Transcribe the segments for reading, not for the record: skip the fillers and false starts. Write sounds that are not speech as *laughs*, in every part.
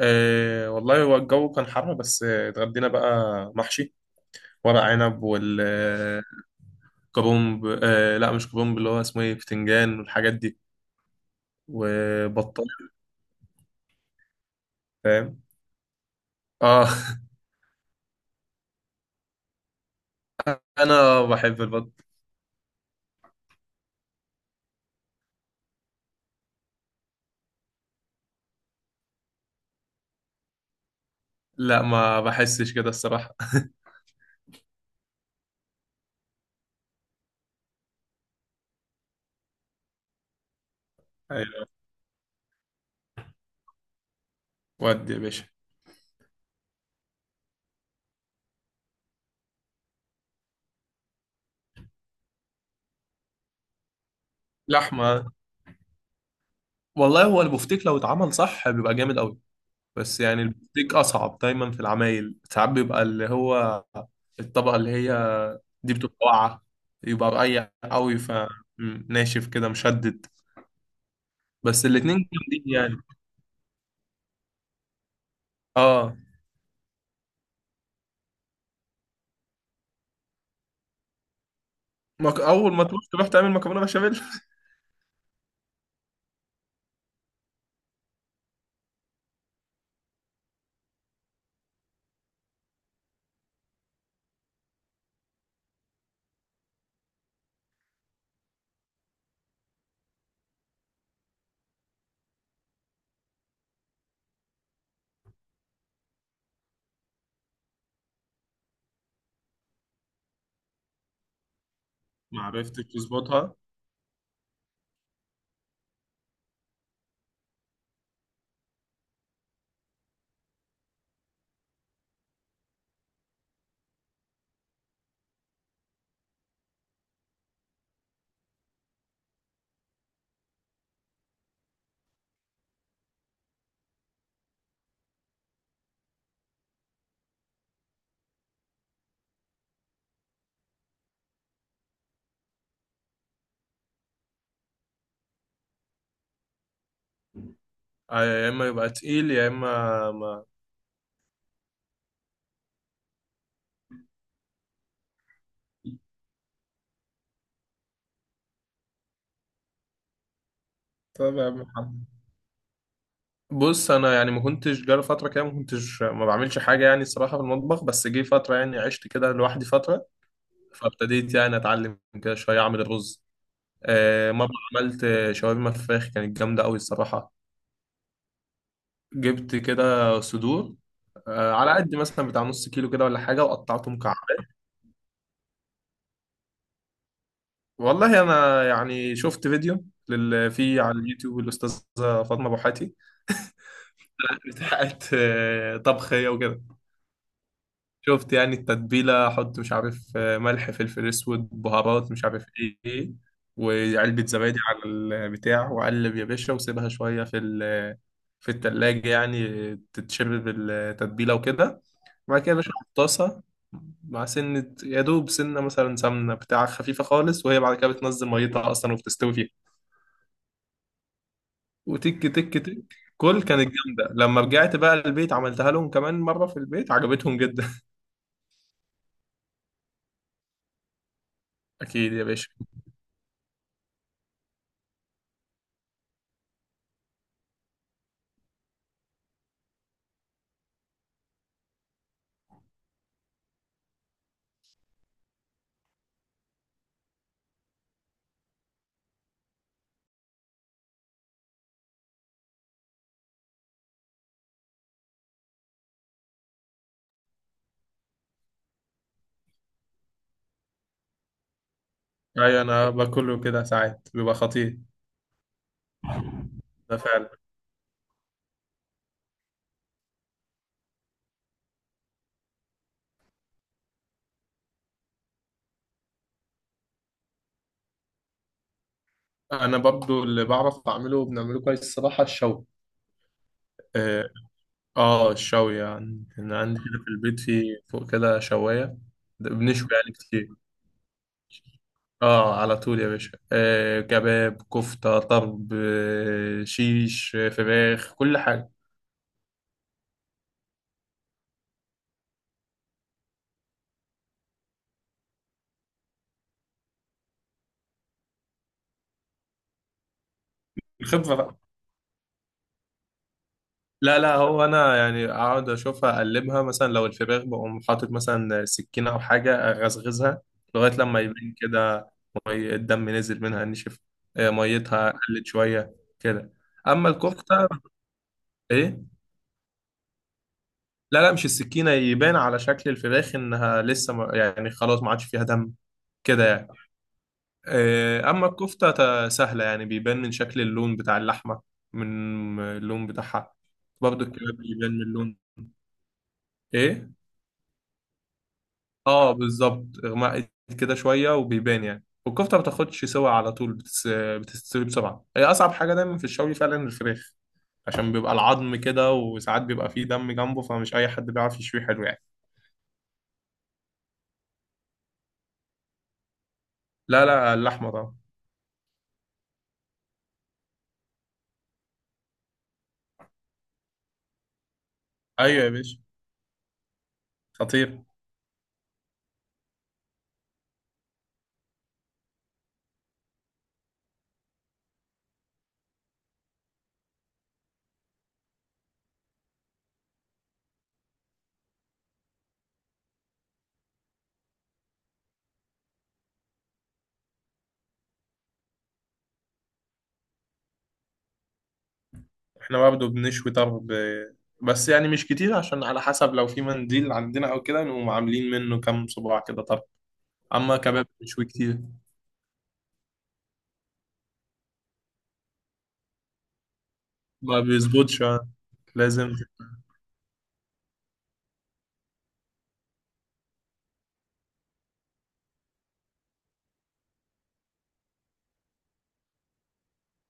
أه والله هو الجو كان حر بس اتغدينا بقى محشي ورق عنب والكرنب. أه لا، مش كرنب، اللي هو اسمه ايه، بتنجان والحاجات دي. وبطل فاهم. اه *laughs* انا بحب البط. لا، ما بحسش كده الصراحة. أيوة. ودي يا باشا؟ لحمة. والله هو البفتيك لو اتعمل صح بيبقى جامد قوي. بس يعني البفتيك اصعب دايما في العمايل، ساعات بيبقى اللي هو الطبقة اللي هي دي بتبقى واقعة، يبقى رقيق قوي فناشف كده مشدد. بس الاتنين جامدين يعني. اه. اول ما تروح تعمل مكرونة بشاميل. *laughs* ما عرفتش تظبطها. آه، يا اما يبقى تقيل يا اما ما. طب يا عم حمد. بص، انا يعني ما كنتش جالي فتره كده، ما كنتش ما بعملش حاجه يعني الصراحه في المطبخ، بس جه فتره يعني عشت كده لوحدي فتره. فابتديت يعني اتعلم كده شويه اعمل الرز. آه، مره عملت شاورما فراخ كانت جامده قوي الصراحه. جبت كده صدور، على قد مثلا بتاع نص كيلو كده ولا حاجة، وقطعته مكعبات. والله أنا يعني شفت فيديو في على اليوتيوب، الأستاذة فاطمة بوحاتي *laughs* بتاعت طبخ هي وكده. شفت يعني التتبيلة، أحط مش عارف ملح، فلفل أسود، بهارات، مش عارف إيه، وعلبة زبادي على البتاع، وأقلب يا باشا وسيبها شوية في في التلاجة يعني تتشرب التتبيلة وكده. وبعد كده يا باشا في طاسة مع سنة، يا دوب سنة مثلا سمنة بتاع خفيفة خالص، وهي بعد كده بتنزل ميتها أصلا وبتستوي فيها، وتك تك تك. كل كانت جامدة، لما رجعت بقى البيت عملتها لهم كمان مرة في البيت عجبتهم جدا. *laughs* أكيد يا باشا. أيوة، أنا باكله كده ساعات بيبقى خطير. ده فعلا. أنا برضو اللي بعرف أعمله وبنعمله كويس الصراحة الشوي. آه. آه، الشوي يعني كان عندي كده في البيت في فوق كده شواية. ده بنشوي يعني كتير. اه، على طول يا باشا، آه كباب، كفتة، طرب، آه شيش، فراخ، كل حاجة. الخبرة بقى. لا لا، هو انا يعني اقعد اشوفها اقلبها، مثلا لو الفراخ بقوم حاطط مثلا سكينة او حاجة اغزغزها لغاية لما يبين كده مي الدم نزل منها نشف. آه، ميتها قلت شوية كده. اما الكفتة، ايه. لا لا، مش السكينة، يبان على شكل الفراخ انها لسه يعني خلاص ما عادش فيها دم كده يعني. آه، أما الكفتة سهلة يعني، بيبان من شكل اللون بتاع اللحمة، من اللون بتاعها. برضه الكباب بيبان من اللون. إيه؟ آه، بالظبط إغماء كده شوية وبيبان يعني. والكفتة ما بتاخدش سوا، على طول بتستوي بسرعة. هي أصعب حاجة دايما في الشوي فعلا الفراخ، عشان بيبقى العظم كده وساعات بيبقى فيه دم جنبه، فمش أي حد بيعرف يشوي حلو يعني. لا لا، اللحمة طبعا. أيوة يا باشا، خطير. احنا برضه بنشوي طرب بس يعني مش كتير، عشان على حسب لو في منديل عندنا او كده نقوم عاملين منه كام صباع كده طرب. اما كباب بنشوي كتير. ما بيظبطش لازم.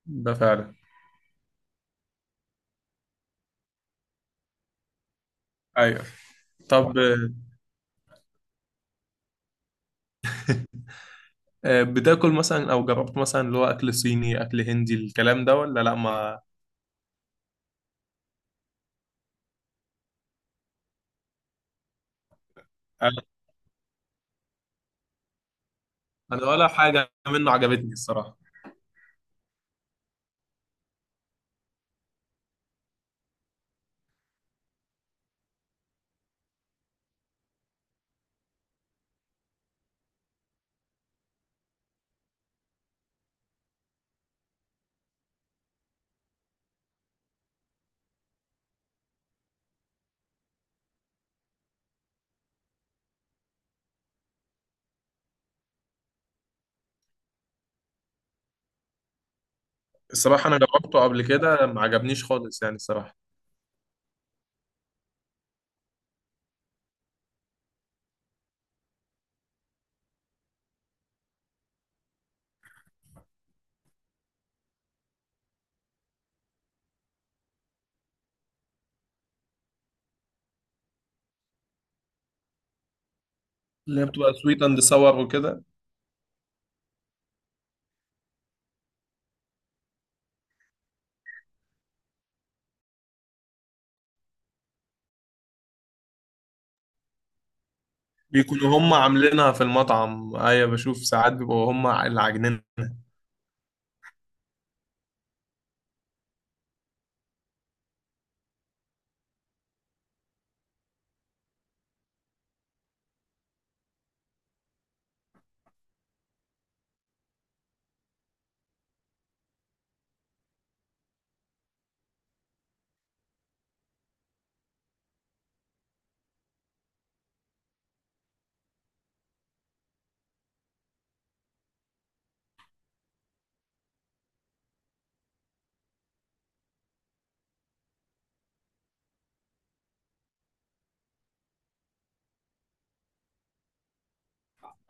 ده فعلا. ايوه. طب بتاكل مثلا او جربت مثلا اللي هو اكل صيني، اكل هندي، الكلام ده ولا لا ما انا. أنا ولا حاجه منه عجبتني الصراحه. الصراحه انا جربته قبل كده ما عجبنيش خالص يعني الصراحه. اللي هي بتبقى سويت اند ساور وكده. بيكونوا هم عاملينها في المطعم، ايوه بشوف ساعات بيبقوا هم اللي عاجنين.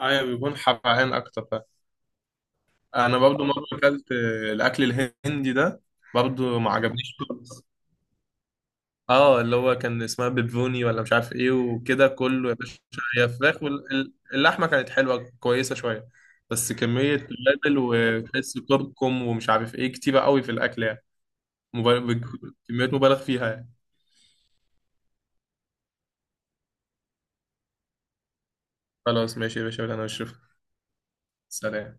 ايوه، بيكون حبعين اكتر فعلا. انا برضو مره اكلت الاكل الهندي ده. برضو ما عجبنيش خالص. اه، اللي هو كان اسمها بيبوني ولا مش عارف ايه وكده، كله يا باشا. هي فراخ واللحمه كانت حلوه كويسه شويه، بس كميه توابل، وتحس كركم ومش عارف ايه كتيره قوي في الاكل يعني. مبالغ، كميات مبالغ فيها يعني. خلاص ماشي يا باشا، ولا انا اشوفك. سلام.